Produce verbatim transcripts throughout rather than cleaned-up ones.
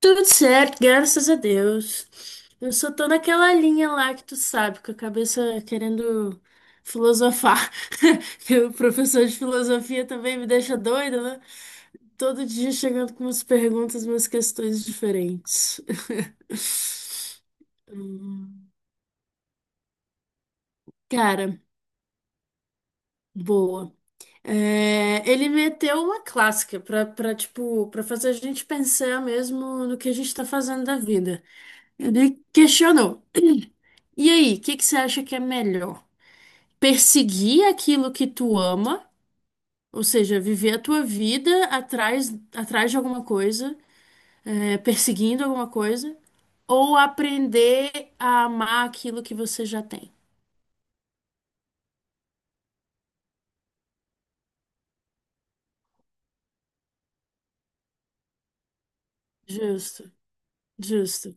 Tudo certo, graças a Deus. Eu só tô naquela linha lá que tu sabe, com a cabeça querendo filosofar. Que o professor de filosofia também me deixa doida, né? Todo dia chegando com umas perguntas, umas questões diferentes. Hum, Cara, boa. É, ele meteu uma clássica pra, pra, tipo, pra fazer a gente pensar mesmo no que a gente tá fazendo da vida. Ele questionou. E aí, o que que você acha que é melhor? Perseguir aquilo que tu ama, ou seja, viver a tua vida atrás, atrás de alguma coisa, é, perseguindo alguma coisa, ou aprender a amar aquilo que você já tem? Justo, justo.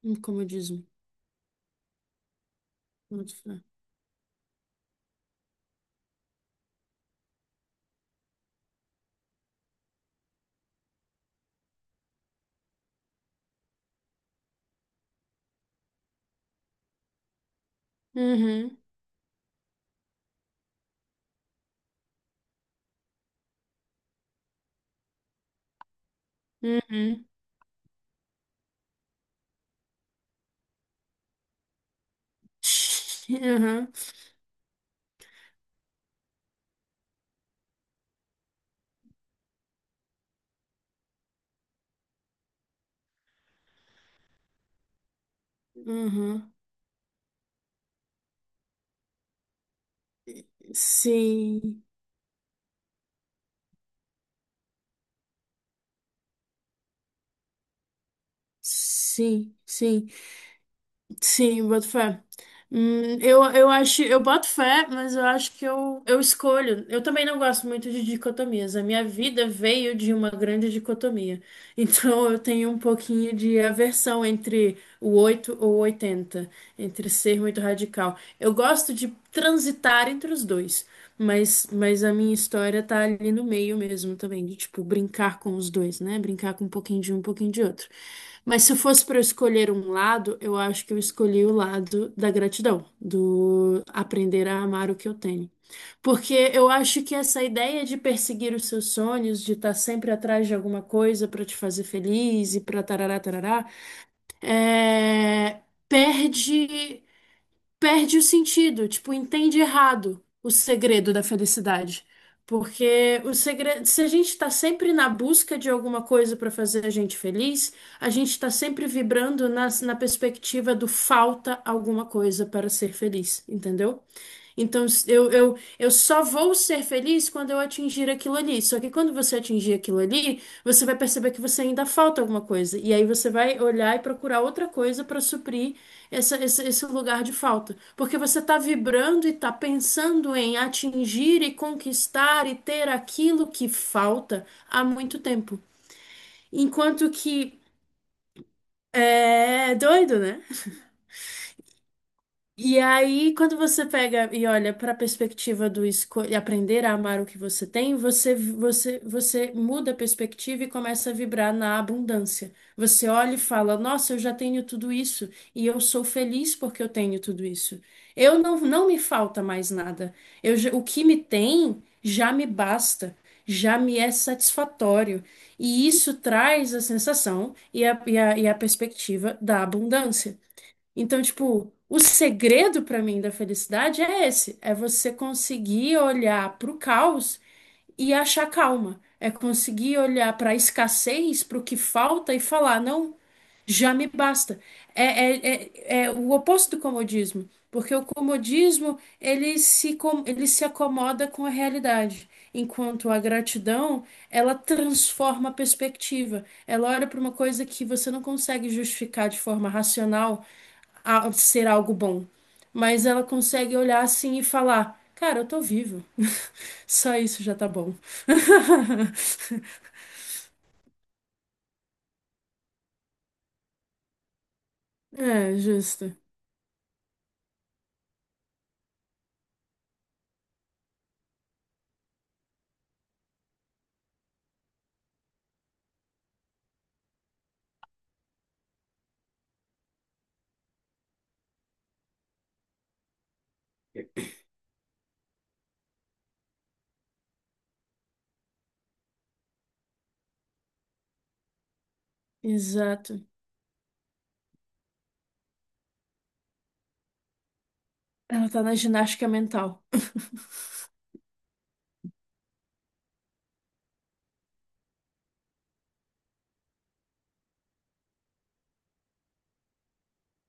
Um comodismo. Boto fé. Uhum, uhum. Uhum, uhum. Sim, sim, sim. Sim, boto fé. Hum, eu, eu acho, eu boto fé, mas eu acho que eu, eu escolho. Eu também não gosto muito de dicotomias. A minha vida veio de uma grande dicotomia. Então eu tenho um pouquinho de aversão entre o oito ou oitenta, entre ser muito radical. Eu gosto de transitar entre os dois. Mas, mas a minha história tá ali no meio mesmo também, de tipo, brincar com os dois, né? Brincar com um pouquinho de um, um pouquinho de outro. Mas se fosse para eu escolher um lado, eu acho que eu escolhi o lado da gratidão, do aprender a amar o que eu tenho. Porque eu acho que essa ideia de perseguir os seus sonhos, de estar sempre atrás de alguma coisa para te fazer feliz e para tarará, tarará, é, perde perde o sentido, tipo, entende errado o segredo da felicidade. Porque o segredo, se a gente está sempre na busca de alguma coisa para fazer a gente feliz, a gente está sempre vibrando na, na perspectiva do falta alguma coisa para ser feliz, entendeu? Então, eu, eu, eu só vou ser feliz quando eu atingir aquilo ali. Só que quando você atingir aquilo ali, você vai perceber que você ainda falta alguma coisa. E aí você vai olhar e procurar outra coisa para suprir essa, esse, esse lugar de falta. Porque você está vibrando e está pensando em atingir e conquistar e ter aquilo que falta há muito tempo. Enquanto que é doido, né? E aí, quando você pega e olha para a perspectiva do esco- e aprender a amar o que você tem, você, você, você muda a perspectiva e começa a vibrar na abundância. Você olha e fala: Nossa, eu já tenho tudo isso e eu sou feliz porque eu tenho tudo isso. Eu não, não me falta mais nada. Eu, já- o que me tem já me basta. Já me é satisfatório. E isso traz a sensação e a, e a e a perspectiva da abundância. Então, tipo, o segredo pra mim da felicidade é esse, é você conseguir olhar pro caos e achar calma. É conseguir olhar para a escassez, para o que falta e falar, não, já me basta. É, é, é, é o oposto do comodismo, porque o comodismo ele se, com- ele se acomoda com a realidade, enquanto a gratidão ela transforma a perspectiva. Ela olha para uma coisa que você não consegue justificar de forma racional a- ser algo bom, mas ela consegue olhar assim e falar: Cara, eu tô vivo. Só isso já tá bom. É, justo. Exato. Ela tá na ginástica mental.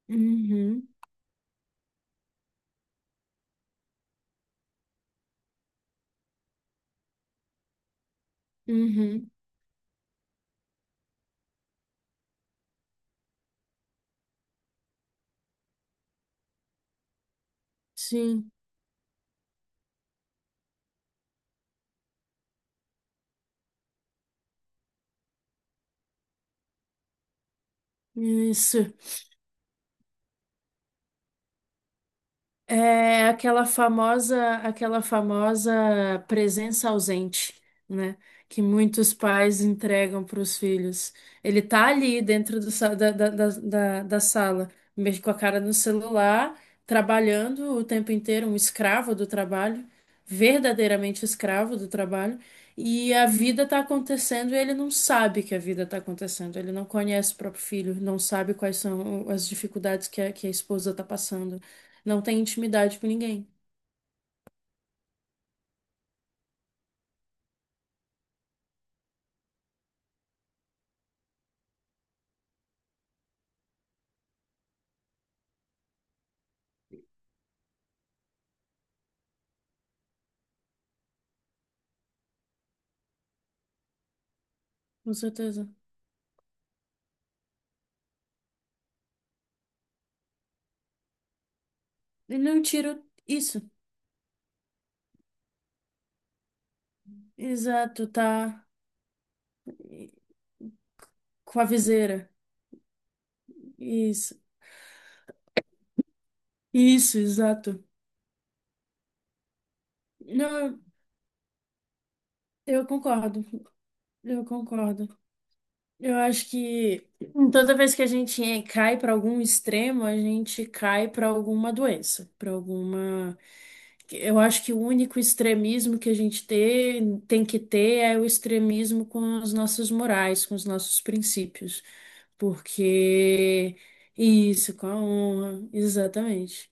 Uhum, uhum, sim, isso. É aquela famosa, aquela famosa presença ausente, né? Que muitos pais entregam para os filhos. Ele tá ali dentro do sa- da, da, da, da da sala, mexe com a cara no celular, trabalhando o tempo inteiro, um escravo do trabalho, verdadeiramente escravo do trabalho, e a vida tá acontecendo e ele não sabe que a vida tá acontecendo. Ele não conhece o próprio filho, não sabe quais são as dificuldades que a, que a esposa tá passando. Não tem intimidade com ninguém, com certeza. E não tira isso. Exato, tá com a viseira. Isso. Isso, exato. Não, eu concordo. Eu concordo. Eu acho que toda vez que a gente cai para algum extremo, a gente cai para alguma doença, para alguma. Eu acho que o único extremismo que a gente ter, tem que ter é o extremismo com as nossas morais, com os nossos princípios. Porque isso, com a honra, exatamente.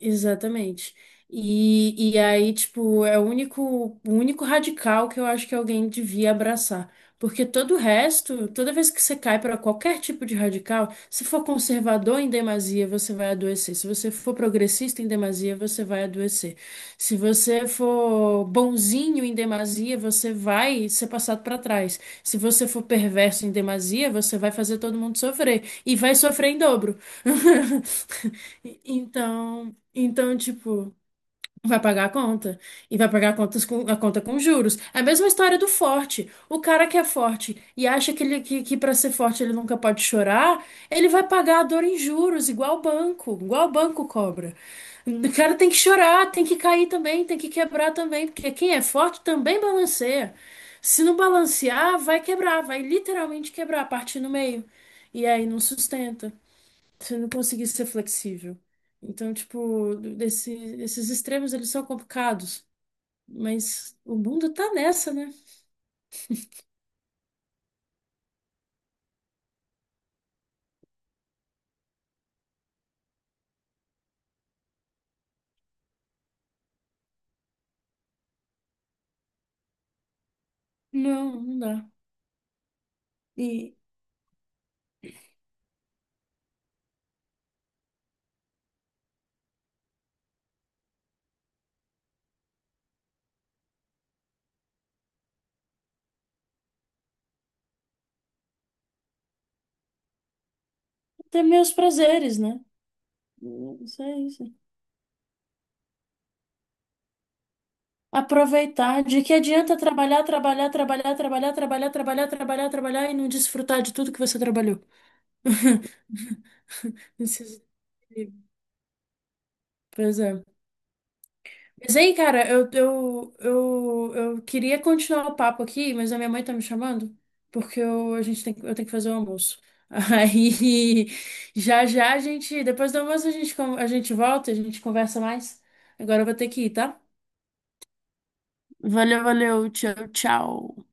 Exatamente. E, e aí, tipo, é o único, o único radical que eu acho que alguém devia abraçar. Porque todo o resto, toda vez que você cai para qualquer tipo de radical, se for conservador em demasia, você vai adoecer. Se você for progressista em demasia, você vai adoecer. Se você for bonzinho em demasia, você vai ser passado para trás. Se você for perverso em demasia, você vai fazer todo mundo sofrer. E vai sofrer em dobro. Então. Então, tipo, vai pagar a conta. E vai pagar contas com, a conta com juros. É a mesma história do forte. O cara que é forte e acha que, ele, que, que para ser forte ele nunca pode chorar, ele vai pagar a dor em juros, igual o banco, igual o banco cobra. O cara tem que chorar, tem que cair também, tem que quebrar também, porque quem é forte também balanceia. Se não balancear, vai quebrar, vai literalmente quebrar, partir no meio. E aí não sustenta você não conseguir ser flexível. Então, tipo, esse- esses extremos, eles são complicados, mas o mundo tá nessa, né? Não, não dá. E ter meus prazeres, né? Isso é isso. Aproveitar. De que adianta trabalhar, trabalhar, trabalhar, trabalhar, trabalhar, trabalhar, trabalhar, trabalhar e não desfrutar de tudo que você trabalhou? Esses- pois é. Mas aí, cara, eu, eu, eu, eu queria continuar o papo aqui, mas a minha mãe tá me chamando, porque eu, a gente tem, que- eu tenho que fazer o almoço. Aí, já já a gente, depois do almoço a gente, con- a gente volta, a gente conversa mais. Agora eu vou ter que ir, tá? Valeu, valeu. Tchau, tchau.